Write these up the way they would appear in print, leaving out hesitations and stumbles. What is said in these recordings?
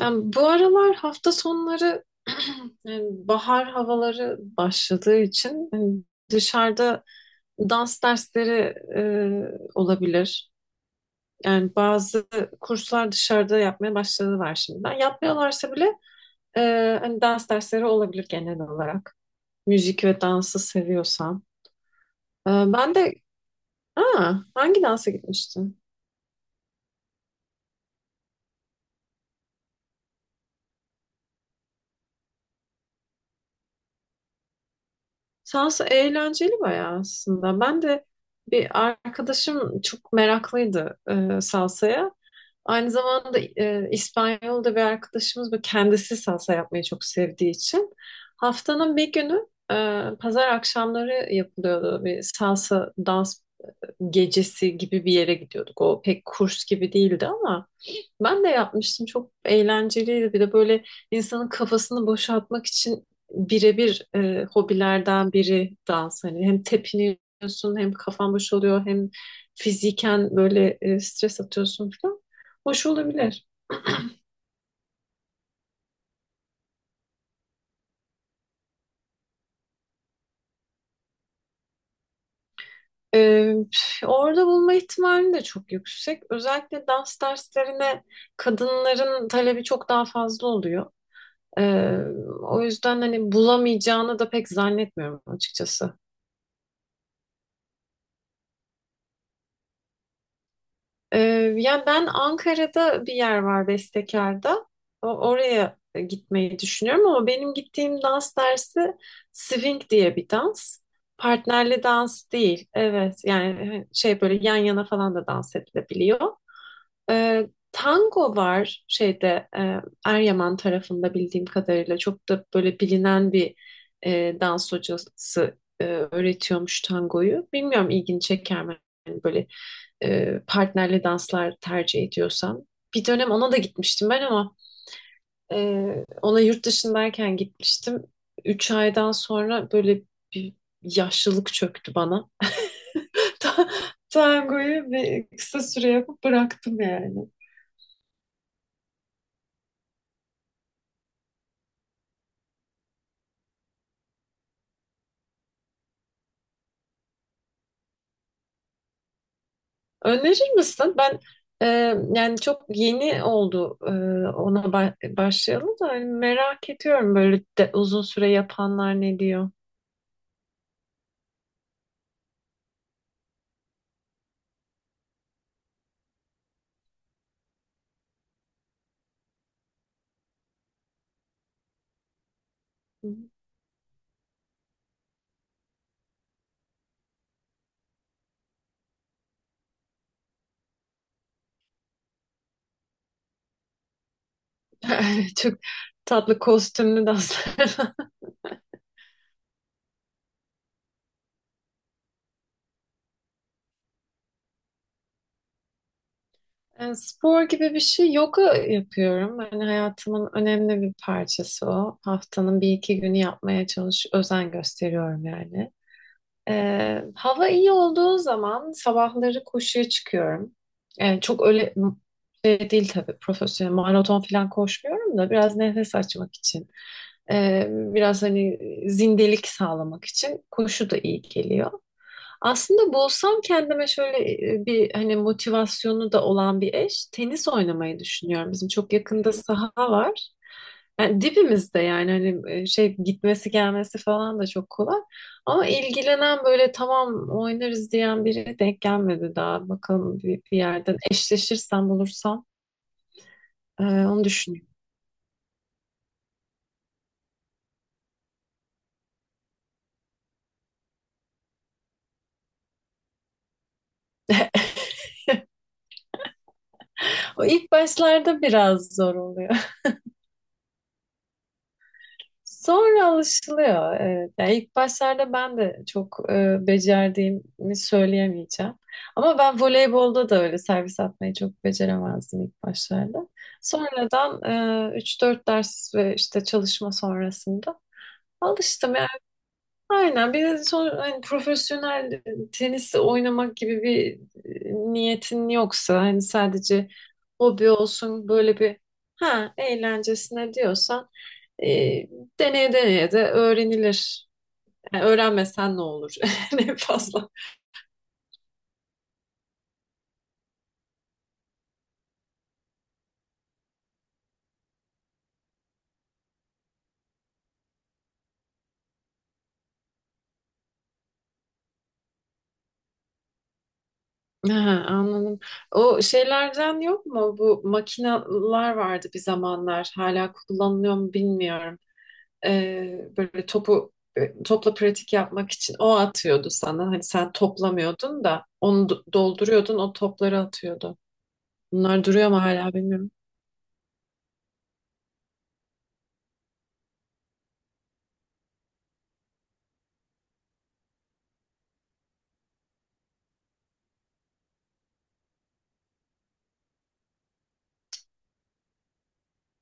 Ben bu aralar hafta sonları yani bahar havaları başladığı için hani dışarıda dans dersleri olabilir. Yani bazı kurslar dışarıda yapmaya başladılar şimdiden. Yapmıyorlarsa bile e, hani dans dersleri olabilir genel olarak. Müzik ve dansı seviyorsan. Ben de hangi dansa gitmiştim? Sansa eğlenceli bayağı aslında. Ben de bir arkadaşım çok meraklıydı salsaya. Aynı zamanda İspanyol'da bir arkadaşımız bu kendisi salsa yapmayı çok sevdiği için haftanın bir günü pazar akşamları yapılıyordu bir salsa dans gecesi gibi bir yere gidiyorduk. O pek kurs gibi değildi ama ben de yapmıştım. Çok eğlenceliydi. Bir de böyle insanın kafasını boşaltmak için birebir hobilerden biri dans. Hani hem tepiniyorsun hem kafan boş oluyor, hem fiziken böyle stres atıyorsun falan. Hoş olabilir. E, Orada bulma ihtimali de çok yüksek. Özellikle dans derslerine kadınların talebi çok daha fazla oluyor. E, O yüzden hani bulamayacağını da pek zannetmiyorum açıkçası. Ee, Yani ben Ankara'da bir yer var Bestekar'da. Oraya gitmeyi düşünüyorum ama benim gittiğim dans dersi swing diye bir dans. Partnerli dans değil. Evet yani şey böyle yan yana falan da dans edilebiliyor. Tango var şeyde Eryaman tarafında bildiğim kadarıyla çok da böyle bilinen bir dans hocası öğretiyormuş tangoyu. Bilmiyorum ilgini çeker mi? Yani böyle partnerli danslar tercih ediyorsam. Bir dönem ona da gitmiştim ben ama e, ona yurt dışındayken gitmiştim. Üç aydan sonra böyle bir yaşlılık çöktü bana. Ta- Tangoyu bir kısa süre yapıp bıraktım yani. Önerir misin? Ben e, yani çok yeni oldu ona başlayalım da hani merak ediyorum böyle de, uzun süre yapanlar ne diyor. Çok tatlı kostümlü danslar. Spor gibi bir şey yoga yapıyorum. Hani hayatımın önemli bir parçası o. Haftanın bir iki günü yapmaya çalış, özen gösteriyorum yani. Hava iyi olduğu zaman sabahları koşuya çıkıyorum. Çok öyle şey değil tabii profesyonel maraton falan koşmuyorum da biraz nefes açmak için. Biraz hani zindelik sağlamak için koşu da iyi geliyor. Aslında bulsam kendime şöyle bir hani motivasyonu da olan bir eş tenis oynamayı düşünüyorum. Bizim çok yakında saha var. Yani dibimizde yani hani şey gitmesi gelmesi falan da çok kolay. Ama ilgilenen böyle tamam oynarız diyen biri denk gelmedi daha. Bakalım bir yerden eşleşirsem bulursam onu düşünüyorum. O ilk başlarda biraz zor oluyor. Sonra alışılıyor. Evet. Yani ilk başlarda ben de çok becerdiğimi söyleyemeyeceğim. Ama ben voleybolda da öyle servis atmayı çok beceremezdim ilk başlarda. Sonradan 3-4 ders ve işte çalışma sonrasında alıştım. Aynen bir de son, hani profesyonel tenis oynamak gibi bir niyetin yoksa hani sadece hobi olsun böyle bir ha eğlencesine diyorsan e, deneye deneye de öğrenilir. Yani öğrenmesen ne olur ne fazla. Ha, anladım. O şeylerden yok mu? Bu makineler vardı bir zamanlar. Hala kullanılıyor mu bilmiyorum. Böyle topu topla pratik yapmak için o atıyordu sana. Hani sen toplamıyordun da onu dolduruyordun o topları atıyordu. Bunlar duruyor mu hala bilmiyorum.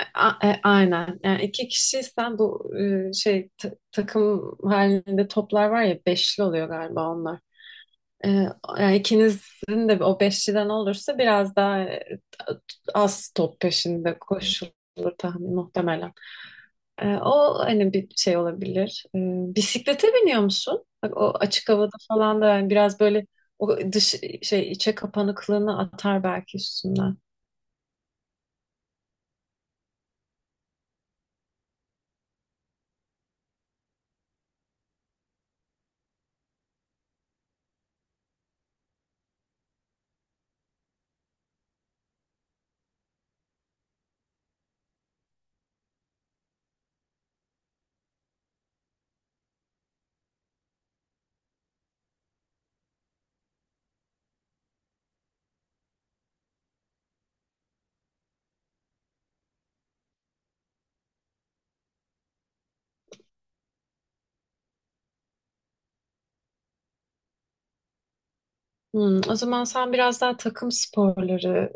Aynen. Yani iki kişiysen bu şey takım halinde toplar var ya beşli oluyor galiba onlar. Ee, Yani ikinizin de o beşliden olursa biraz daha az top peşinde koşulur tahmin muhtemelen. O hani bir şey olabilir. Bisiklete biniyor musun? Bak, o açık havada falan da yani biraz böyle o dış şey içe kapanıklığını atar belki üstünden. Hmm, o zaman sen biraz daha takım sporları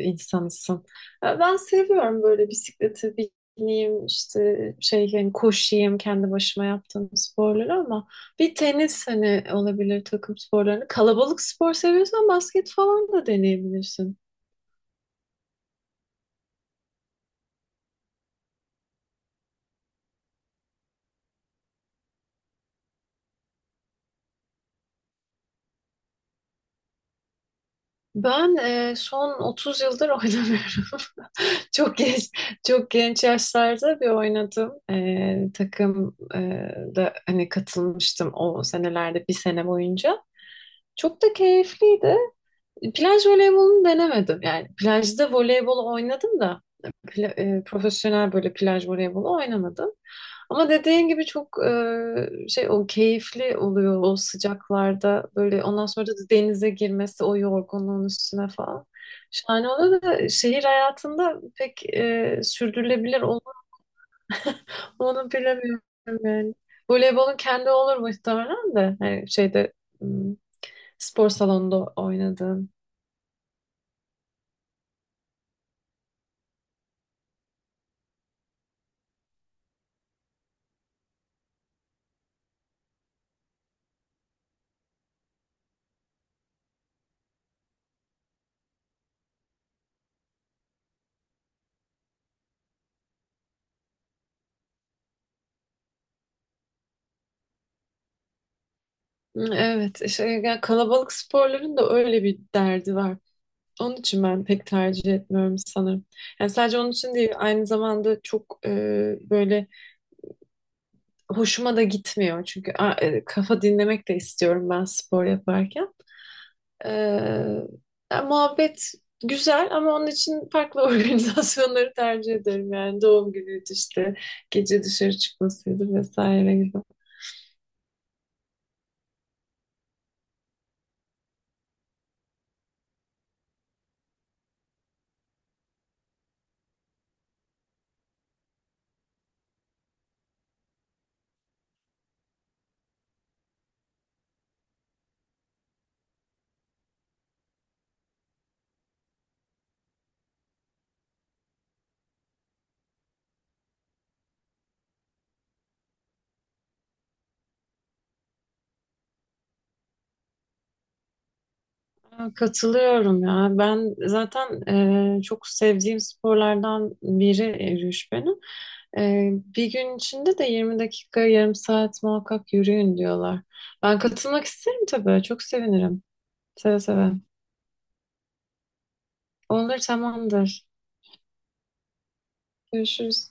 insanısın. E, ben seviyorum böyle bisiklete bineyim, işte şey yani koşayım kendi başıma yaptığım sporları ama bir tenis hani olabilir takım sporlarını. Kalabalık spor seviyorsan basket falan da deneyebilirsin. Ben son 30 yıldır oynamıyorum. Çok genç, çok genç yaşlarda bir oynadım. Takım da hani katılmıştım o senelerde bir sene boyunca. Çok da keyifliydi. Plaj voleybolunu denemedim. Yani plajda voleybol oynadım da profesyonel böyle plaj voleybolu oynamadım. Ama dediğin gibi çok şey o keyifli oluyor o sıcaklarda böyle ondan sonra da denize girmesi o yorgunluğun üstüne falan. Şahane oluyor da şehir hayatında pek sürdürülebilir olur mu onu bilemiyorum yani. Voleybolun kendi olur muhtemelen de. Hani şeyde hmm, spor salonunda oynadığın. Evet, işte yani kalabalık sporların da öyle bir derdi var. Onun için ben pek tercih etmiyorum sanırım. Yani sadece onun için değil, aynı zamanda çok böyle hoşuma da gitmiyor. Çünkü kafa dinlemek de istiyorum ben spor yaparken. Ee, Yani muhabbet güzel ama onun için farklı organizasyonları tercih ederim. Yani doğum günüydü işte gece dışarı çıkmasıydı vesaire gibi. Ya, katılıyorum ya. Ben zaten çok sevdiğim sporlardan biri yürüyüş benim. E, Bir gün içinde de 20 dakika, yarım saat muhakkak yürüyün diyorlar. Ben katılmak isterim tabii. Çok sevinirim. Seve seve. Olur tamamdır. Görüşürüz.